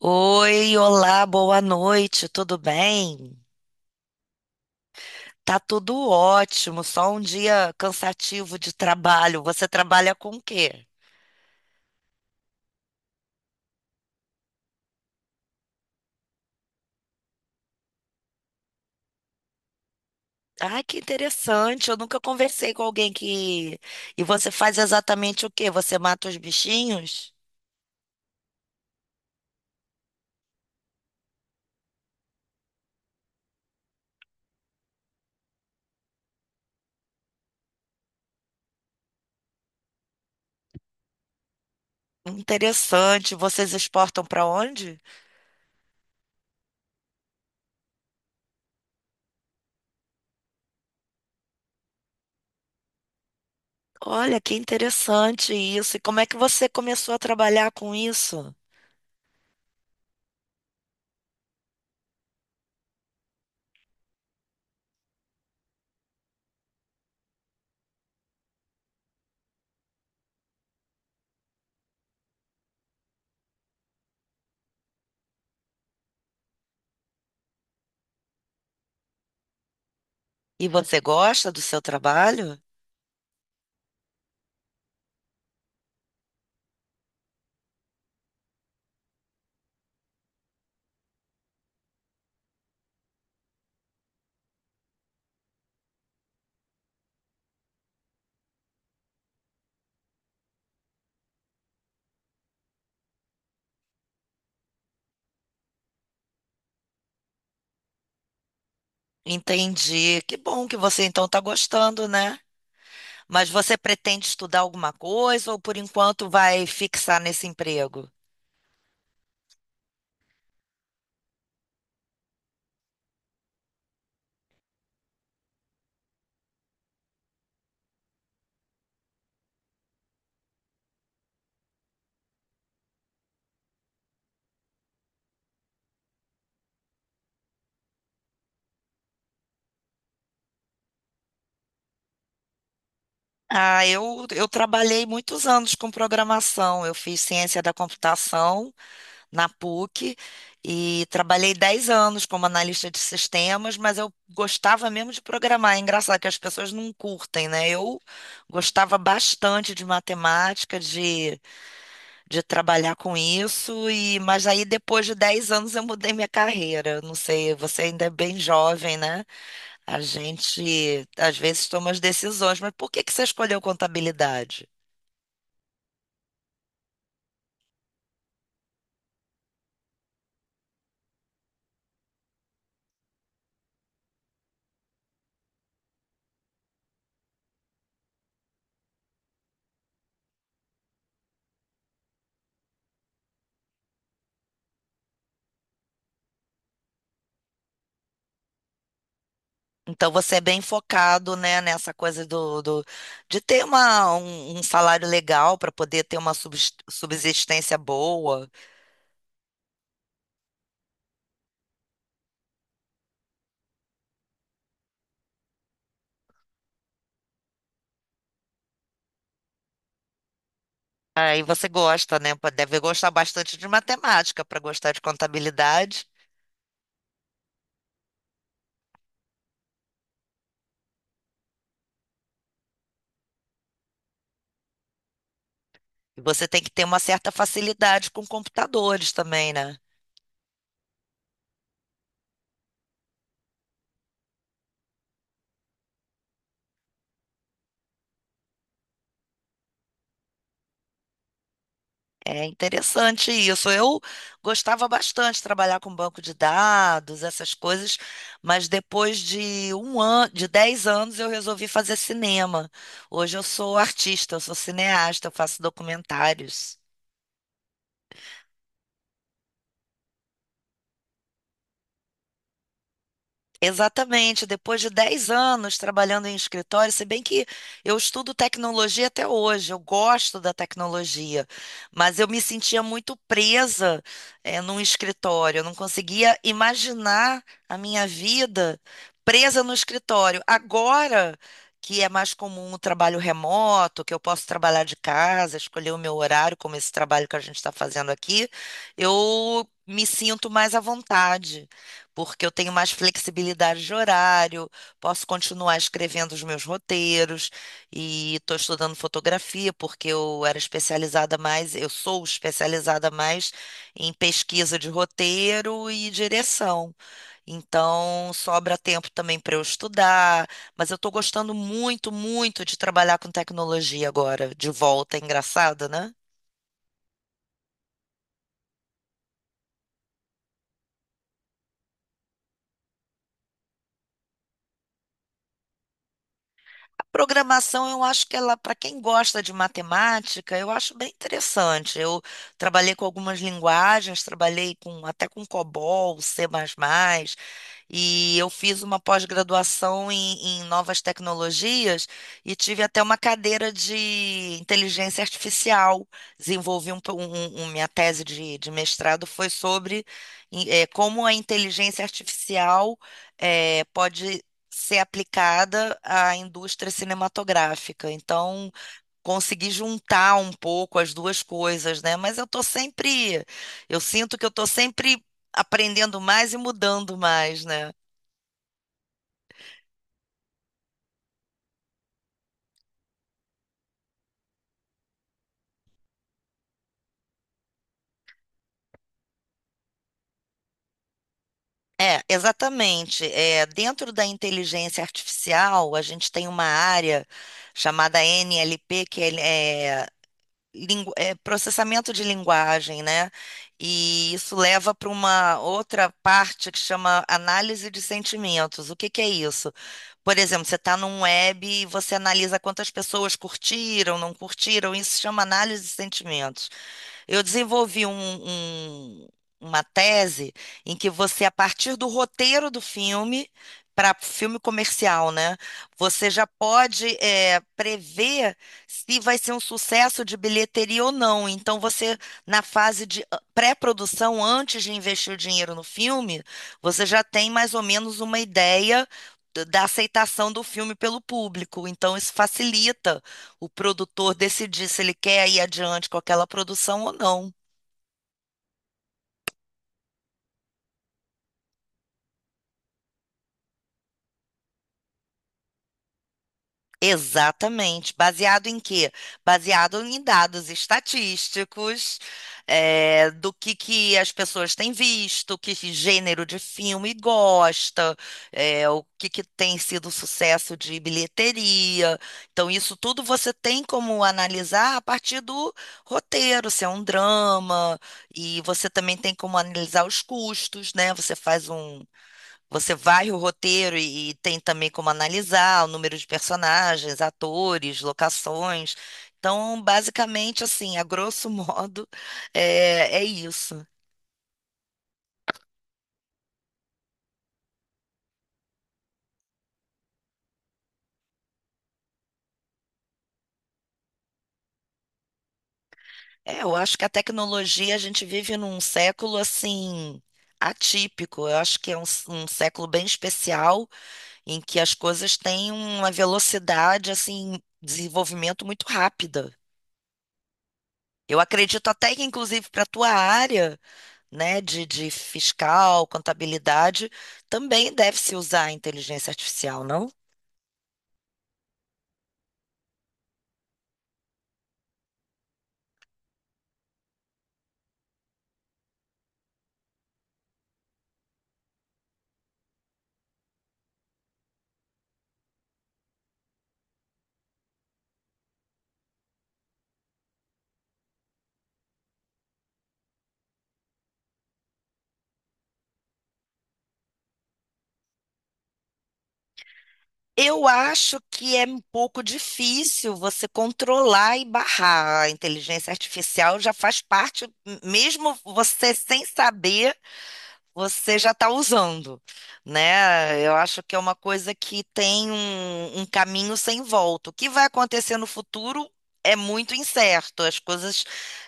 Oi, olá, boa noite, tudo bem? Tá tudo ótimo, só um dia cansativo de trabalho. Você trabalha com o quê? Ai, que interessante, eu nunca conversei com alguém que. E você faz exatamente o quê? Você mata os bichinhos? Interessante, vocês exportam para onde? Olha, que interessante isso. E como é que você começou a trabalhar com isso? E você gosta do seu trabalho? Entendi. Que bom que você então está gostando, né? Mas você pretende estudar alguma coisa ou por enquanto vai fixar nesse emprego? Ah, eu trabalhei muitos anos com programação. Eu fiz ciência da computação na PUC e trabalhei 10 anos como analista de sistemas, mas eu gostava mesmo de programar. É engraçado que as pessoas não curtem, né? Eu gostava bastante de matemática, de trabalhar com isso, e mas aí depois de 10 anos eu mudei minha carreira. Não sei, você ainda é bem jovem, né? A gente às vezes toma as decisões, mas por que que você escolheu contabilidade? Então você é bem focado, né, nessa coisa do de ter um salário legal para poder ter uma subsistência boa. Aí você gosta, né? Pô, deve gostar bastante de matemática para gostar de contabilidade. E você tem que ter uma certa facilidade com computadores também, né? É interessante isso. Eu gostava bastante de trabalhar com banco de dados, essas coisas, mas depois de um ano, de 10 anos, eu resolvi fazer cinema. Hoje eu sou artista, eu sou cineasta, eu faço documentários. Exatamente, depois de 10 anos trabalhando em escritório, se bem que eu estudo tecnologia até hoje, eu gosto da tecnologia, mas eu me sentia muito presa, num escritório, eu não conseguia imaginar a minha vida presa no escritório. Agora que é mais comum o trabalho remoto, que eu posso trabalhar de casa, escolher o meu horário, como esse trabalho que a gente está fazendo aqui, eu me sinto mais à vontade porque eu tenho mais flexibilidade de horário, posso continuar escrevendo os meus roteiros e estou estudando fotografia porque eu era especializada mais, eu sou especializada mais em pesquisa de roteiro e direção. Então, sobra tempo também para eu estudar, mas eu estou gostando muito, muito de trabalhar com tecnologia agora, de volta, é engraçado, né? A programação, eu acho que ela, para quem gosta de matemática, eu acho bem interessante. Eu trabalhei com algumas linguagens, trabalhei com até com COBOL, C++, e eu fiz uma pós-graduação em novas tecnologias e tive até uma cadeira de inteligência artificial. Desenvolvi minha tese de mestrado foi sobre como a inteligência artificial pode ser aplicada à indústria cinematográfica. Então, consegui juntar um pouco as duas coisas, né? Mas eu sinto que eu tô sempre aprendendo mais e mudando mais, né? É, exatamente. É, dentro da inteligência artificial, a gente tem uma área chamada NLP, que é é processamento de linguagem, né? E isso leva para uma outra parte que chama análise de sentimentos. O que que é isso? Por exemplo, você está num web e você analisa quantas pessoas curtiram, não curtiram, isso se chama análise de sentimentos. Eu desenvolvi um- uma tese em que você, a partir do roteiro do filme, para filme comercial, né? Você já pode prever se vai ser um sucesso de bilheteria ou não. Então, você, na fase de pré-produção, antes de investir o dinheiro no filme, você já tem mais ou menos uma ideia da aceitação do filme pelo público. Então, isso facilita o produtor decidir se ele quer ir adiante com aquela produção ou não. Exatamente. Baseado em quê? Baseado em dados estatísticos, é, do que as pessoas têm visto, que gênero de filme gosta, é, o que, que tem sido sucesso de bilheteria. Então, isso tudo você tem como analisar a partir do roteiro, se é um drama, e você também tem como analisar os custos, né? Você faz um Você varre o roteiro e tem também como analisar o número de personagens, atores, locações. Então, basicamente, assim, a grosso modo, é isso. É, eu acho que a tecnologia, a gente vive num século, assim, atípico. Eu acho que é um século bem especial, em que as coisas têm uma velocidade, assim, desenvolvimento muito rápida. Eu acredito até que, inclusive, para a tua área, né, de fiscal, contabilidade, também deve-se usar a inteligência artificial, não? Eu acho que é um pouco difícil você controlar e barrar. A inteligência artificial já faz parte, mesmo você sem saber, você já está usando, né? Eu acho que é uma coisa que tem um caminho sem volta. O que vai acontecer no futuro é muito incerto. As coisas,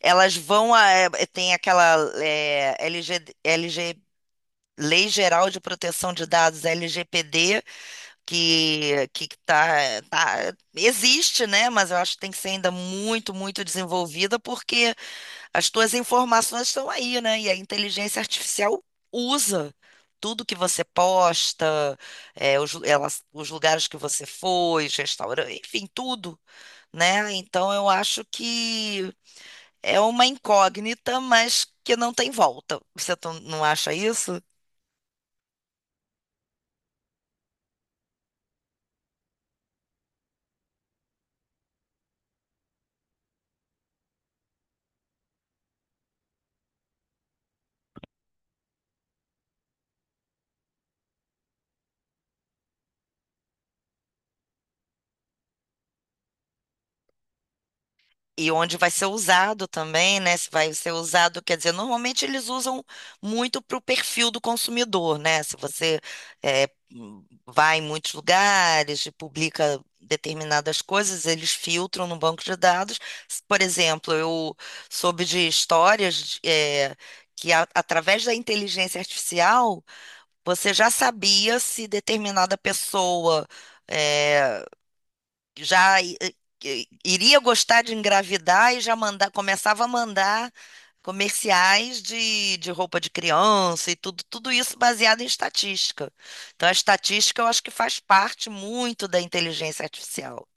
elas vão a- é, tem aquela é, LG, LG, Lei Geral de Proteção de Dados, LGPD, que existe, né? Mas eu acho que tem que ser ainda muito, muito desenvolvida, porque as tuas informações estão aí, né? E a inteligência artificial usa tudo que você posta, os lugares que você foi, os restaurantes, enfim, tudo, né? Então eu acho que é uma incógnita, mas que não tem volta. Você não acha isso? E onde vai ser usado também, né? Se vai ser usado, quer dizer, normalmente eles usam muito para o perfil do consumidor, né? Se você eh, vai em muitos lugares e publica determinadas coisas, eles filtram no banco de dados. Por exemplo, eu soube de histórias que através da inteligência artificial você já sabia se determinada pessoa eh, já iria gostar de engravidar e já começava a mandar comerciais de roupa de criança e tudo, tudo isso baseado em estatística. Então, a estatística eu acho que faz parte muito da inteligência artificial.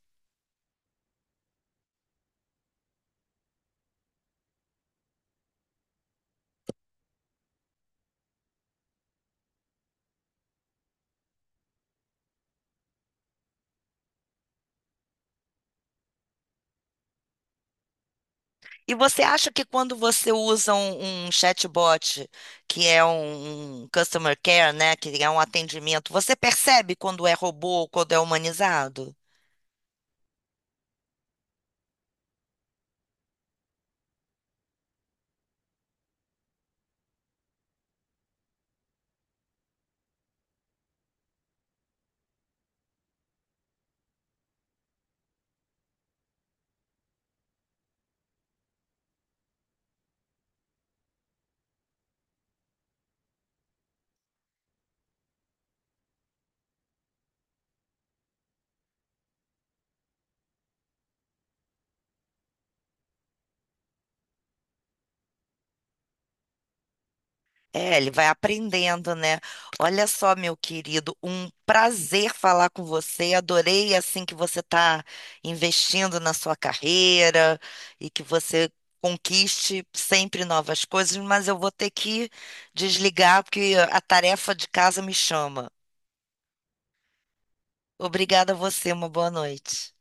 E você acha que quando você usa um chatbot, que é um customer care, né, que é um atendimento, você percebe quando é robô ou quando é humanizado? É, ele vai aprendendo, né? Olha só, meu querido, um prazer falar com você. Adorei assim que você está investindo na sua carreira e que você conquiste sempre novas coisas, mas eu vou ter que desligar porque a tarefa de casa me chama. Obrigada a você, uma boa noite.